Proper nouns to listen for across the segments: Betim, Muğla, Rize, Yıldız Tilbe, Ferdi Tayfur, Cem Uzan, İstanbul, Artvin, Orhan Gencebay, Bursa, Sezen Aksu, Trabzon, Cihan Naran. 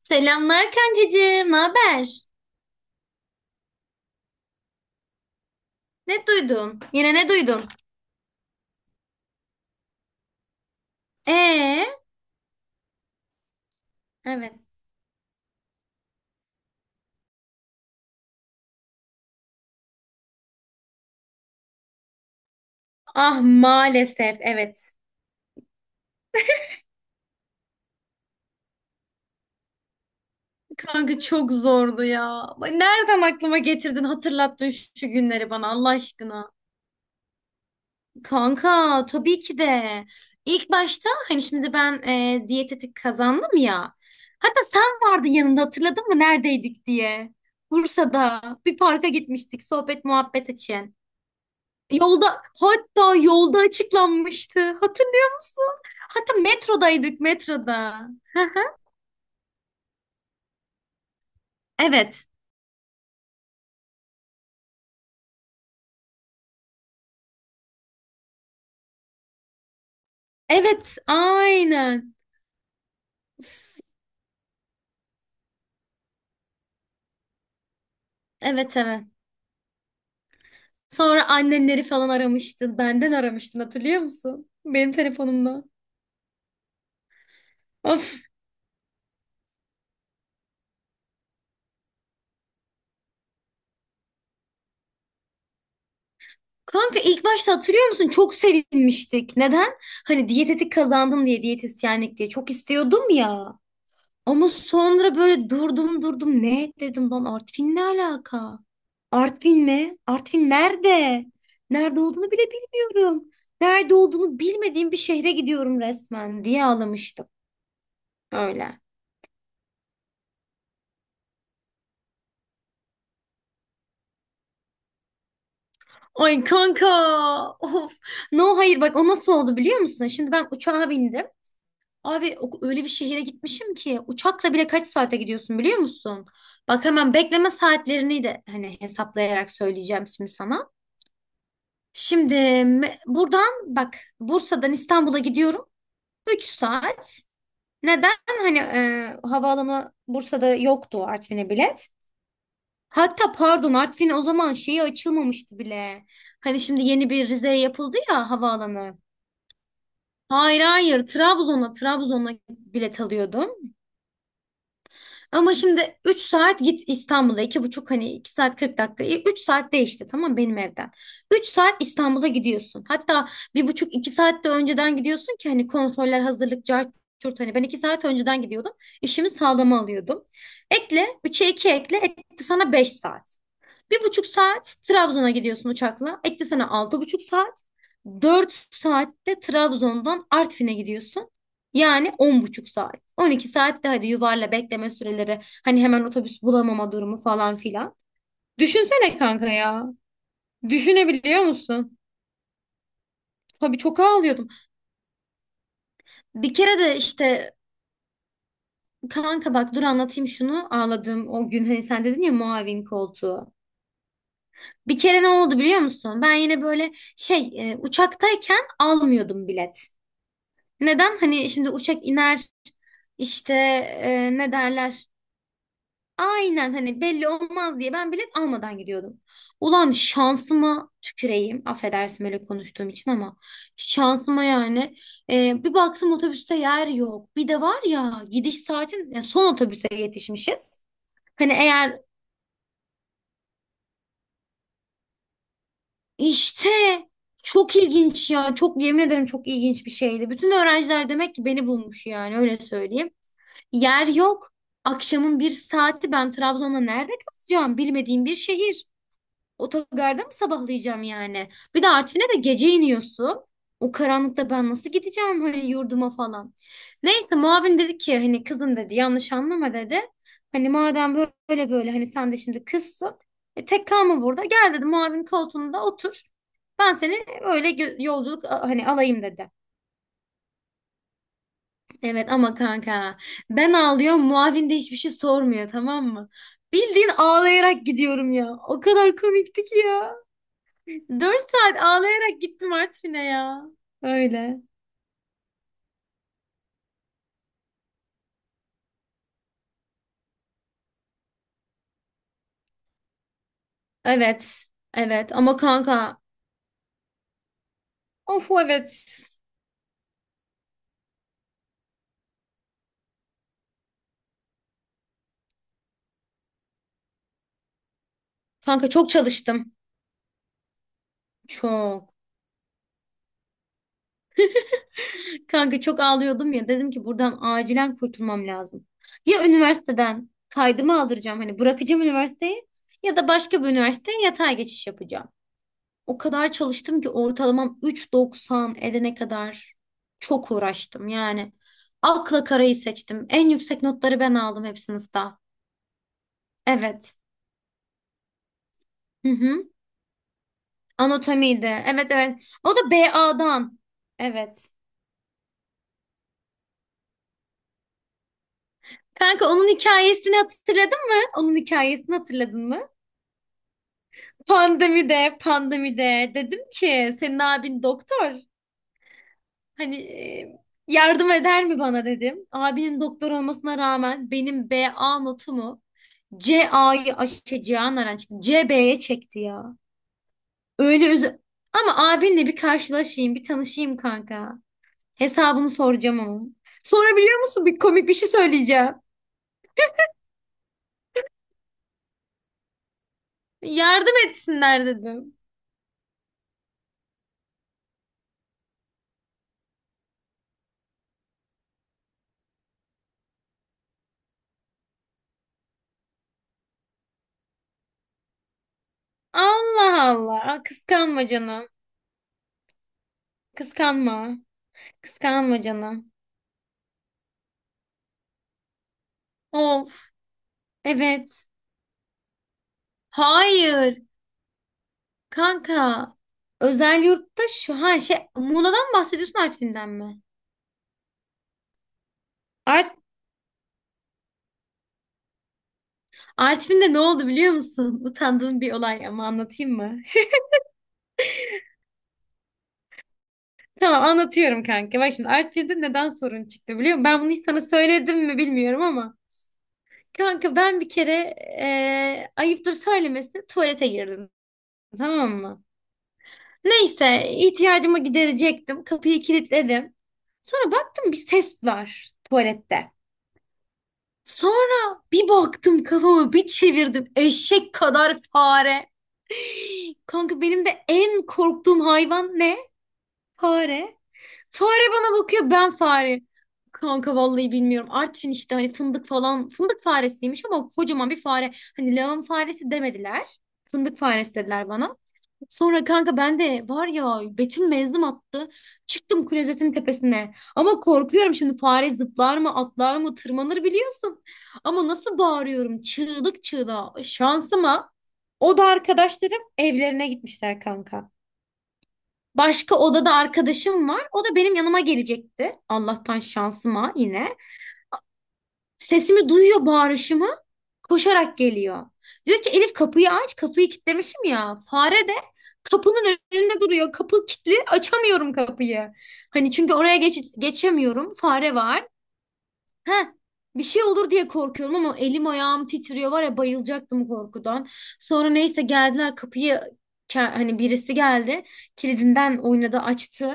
Selamlar kankacığım, ne haber? Ne duydun? Yine ne duydun? Ee, evet. Ah, maalesef, evet. Kanka, çok zordu ya. Nereden aklıma getirdin, hatırlattın şu günleri bana Allah aşkına. Kanka, tabii ki de. İlk başta hani şimdi ben, diyetetik kazandım ya. Hatta sen vardın yanımda, hatırladın mı neredeydik diye. Bursa'da bir parka gitmiştik sohbet muhabbet için. Yolda, hatta yolda açıklanmıştı. Hatırlıyor musun? Hatta metrodaydık, metroda. Hı hı. Evet. Evet, aynen. S- Evet, evet. Sonra annenleri falan aramıştın. Benden aramıştın, hatırlıyor musun? Benim telefonumda. Of. Kanka, ilk başta hatırlıyor musun? Çok sevinmiştik. Neden? Hani diyetetik kazandım diye, diyetisyenlik diye. Çok istiyordum ya. Ama sonra böyle durdum durdum, ne dedim lan, Artvin ne alaka? Artvin mi? Artvin nerede? Nerede olduğunu bile bilmiyorum. Nerede olduğunu bilmediğim bir şehre gidiyorum resmen diye ağlamıştım. Öyle. Ay kanka. Of. No, hayır, bak, o nasıl oldu biliyor musun? Şimdi ben uçağa bindim. Abi, öyle bir şehire gitmişim ki uçakla bile kaç saate gidiyorsun biliyor musun? Bak, hemen bekleme saatlerini de hani hesaplayarak söyleyeceğim şimdi sana. Şimdi buradan, bak, Bursa'dan İstanbul'a gidiyorum. 3 saat. Neden? Hani, havaalanı Bursa'da yoktu Artvin'e bilet. Hatta pardon, Artvin o zaman şeyi açılmamıştı bile. Hani şimdi yeni bir Rize'ye yapıldı ya havaalanı. Hayır, hayır, Trabzon'a, Trabzon'a bilet alıyordum. Ama şimdi 3 saat git İstanbul'a. 2,5, hani 2 saat 40 dakika. Üç saat değişti, tamam, benim evden. 3 saat İstanbul'a gidiyorsun. Hatta 1,5-2 saat de önceden gidiyorsun ki hani kontroller, hazırlık, cart curt, hani ben 2 saat önceden gidiyordum. İşimi sağlama alıyordum. Ekle 3'e 2 ekle, etti sana 5 saat. 1,5 saat Trabzon'a gidiyorsun uçakla. Etti sana 6,5 saat. 4 saatte Trabzon'dan Artvin'e gidiyorsun. Yani 10,5 saat. 12 saat de hadi yuvarla bekleme süreleri, hani hemen otobüs bulamama durumu falan filan. Düşünsene kanka ya. Düşünebiliyor musun? Tabii çok ağlıyordum. Bir kere de işte, kanka, bak, dur anlatayım şunu ağladığım o gün, hani sen dedin ya muavin koltuğu. Bir kere ne oldu biliyor musun? Ben yine böyle şey, uçaktayken almıyordum bilet. Neden? Hani şimdi uçak iner işte, ne derler? Aynen, hani belli olmaz diye ben bilet almadan gidiyordum. Ulan şansıma tüküreyim. Affedersin böyle konuştuğum için ama şansıma yani. Bir baktım otobüste yer yok. Bir de var ya, gidiş saatin, yani son otobüse yetişmişiz. Hani eğer işte, çok ilginç ya, çok, yemin ederim, çok ilginç bir şeydi. Bütün öğrenciler demek ki beni bulmuş, yani öyle söyleyeyim. Yer yok. Akşamın bir saati, ben Trabzon'da nerede kalacağım? Bilmediğim bir şehir. Otogarda mı sabahlayacağım yani? Bir de Artvin'e de gece iniyorsun. O karanlıkta ben nasıl gideceğim hani yurduma falan? Neyse, muavin dedi ki, hani kızım, dedi, yanlış anlama, dedi. Hani madem böyle böyle, hani sen de şimdi kızsın. Tek kalma burada. Gel, dedi, muavin koltuğunda otur. Ben seni öyle yolculuk hani alayım, dedi. Evet, ama kanka, ben ağlıyorum, muavin de hiçbir şey sormuyor, tamam mı? Bildiğin ağlayarak gidiyorum ya. O kadar komikti ki ya. 4 saat ağlayarak gittim Artvin'e ya. Öyle. Evet. Evet ama kanka, of, evet. Kanka, çok çalıştım. Çok. Kanka, çok ağlıyordum ya, dedim ki buradan acilen kurtulmam lazım. Ya üniversiteden kaydımı aldıracağım, hani bırakacağım üniversiteyi, ya da başka bir üniversiteye yatay geçiş yapacağım. O kadar çalıştım ki ortalamam 3,90 edene kadar çok uğraştım. Yani akla karayı seçtim. En yüksek notları ben aldım hep sınıfta. Evet. Hı hı. Anatomiydi. Evet, evet. O da BA'dan. Evet. Kanka, onun hikayesini hatırladın mı? Onun hikayesini hatırladın mı? Pandemide, pandemide dedim ki senin abin doktor. Hani, yardım eder mi bana, dedim. Abinin doktor olmasına rağmen benim BA notumu, CA'yı, şey, Cihan Naran çıktı, CB'ye çekti ya. Öyle özü... Ama abinle bir karşılaşayım, bir tanışayım kanka. Hesabını soracağım ama. Sonra biliyor musun, bir komik bir şey söyleyeceğim. Yardım etsinler dedim. Allah Allah. Aa, kıskanma canım. Kıskanma. Kıskanma canım. Of. Evet. Hayır. Kanka, özel yurtta, şu, ha, şey, Muğla'dan mı bahsediyorsun, Artvin'den mi? Art Artvin'de ne oldu biliyor musun? Utandığım bir olay ama, anlatayım mı? Tamam, anlatıyorum kanka. Bak şimdi, Artvin'de neden sorun çıktı biliyor musun? Ben bunu hiç sana söyledim mi bilmiyorum ama. Kanka, ben bir kere, ayıptır söylemesi, tuvalete girdim. Tamam mı? Neyse, ihtiyacımı giderecektim. Kapıyı kilitledim. Sonra baktım bir ses var tuvalette. Sonra bir baktım, kafamı bir çevirdim, eşek kadar fare. Kanka, benim de en korktuğum hayvan ne? Fare. Fare bana bakıyor, ben fare. Kanka, vallahi bilmiyorum, Artvin işte hani fındık falan. Fındık faresiymiş ama kocaman bir fare. Hani lağım faresi demediler. Fındık faresi dediler bana. Sonra, kanka, ben de var ya, Betim mezdim attı. Çıktım klozetin tepesine. Ama korkuyorum şimdi, fare zıplar mı, atlar mı, tırmanır, biliyorsun. Ama nasıl bağırıyorum çığlık çığlığa. Şansıma, o da arkadaşlarım evlerine gitmişler kanka. Başka odada arkadaşım var. O da benim yanıma gelecekti. Allah'tan şansıma yine. Sesimi duyuyor, bağırışımı. Koşarak geliyor. Diyor ki, Elif, kapıyı aç. Kapıyı kilitlemişim ya. Fare de kapının önünde duruyor. Kapı kilitli. Açamıyorum kapıyı. Hani çünkü oraya geç geçemiyorum, fare var. Heh. Bir şey olur diye korkuyorum, ama elim ayağım titriyor var ya, bayılacaktım korkudan. Sonra neyse, geldiler, kapıyı hani, birisi geldi. Kilidinden oynadı, açtı.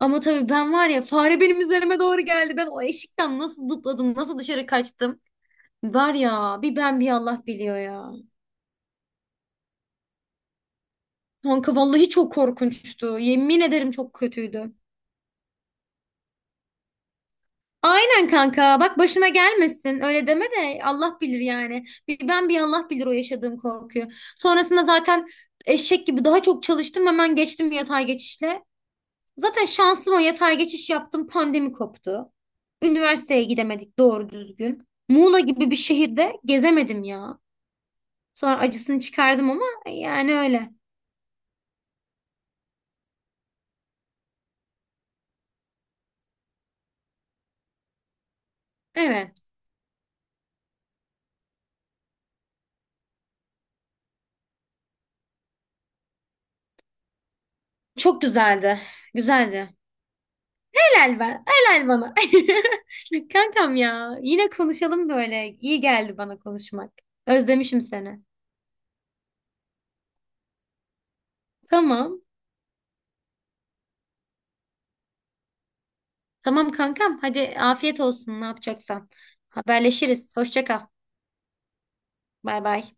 Ama tabii ben var ya, fare benim üzerime doğru geldi. Ben o eşikten nasıl zıpladım, nasıl dışarı kaçtım. Var ya, bir ben bir Allah biliyor ya. Kanka, vallahi çok korkunçtu. Yemin ederim çok kötüydü. Aynen kanka, bak, başına gelmesin öyle deme de, Allah bilir yani. Bir ben bir Allah bilir o yaşadığım korkuyu. Sonrasında zaten eşek gibi daha çok çalıştım, hemen geçtim yatay geçişle. Zaten şanslı, o yatay geçiş yaptım, pandemi koptu. Üniversiteye gidemedik doğru düzgün. Muğla gibi bir şehirde gezemedim ya. Sonra acısını çıkardım ama, yani öyle. Evet. Çok güzeldi. Güzeldi. Helal ben. Helal bana. Kankam ya. Yine konuşalım böyle. İyi geldi bana konuşmak. Özlemişim seni. Tamam. Tamam kankam. Hadi afiyet olsun ne yapacaksan. Haberleşiriz. Hoşça kal. Bay bay.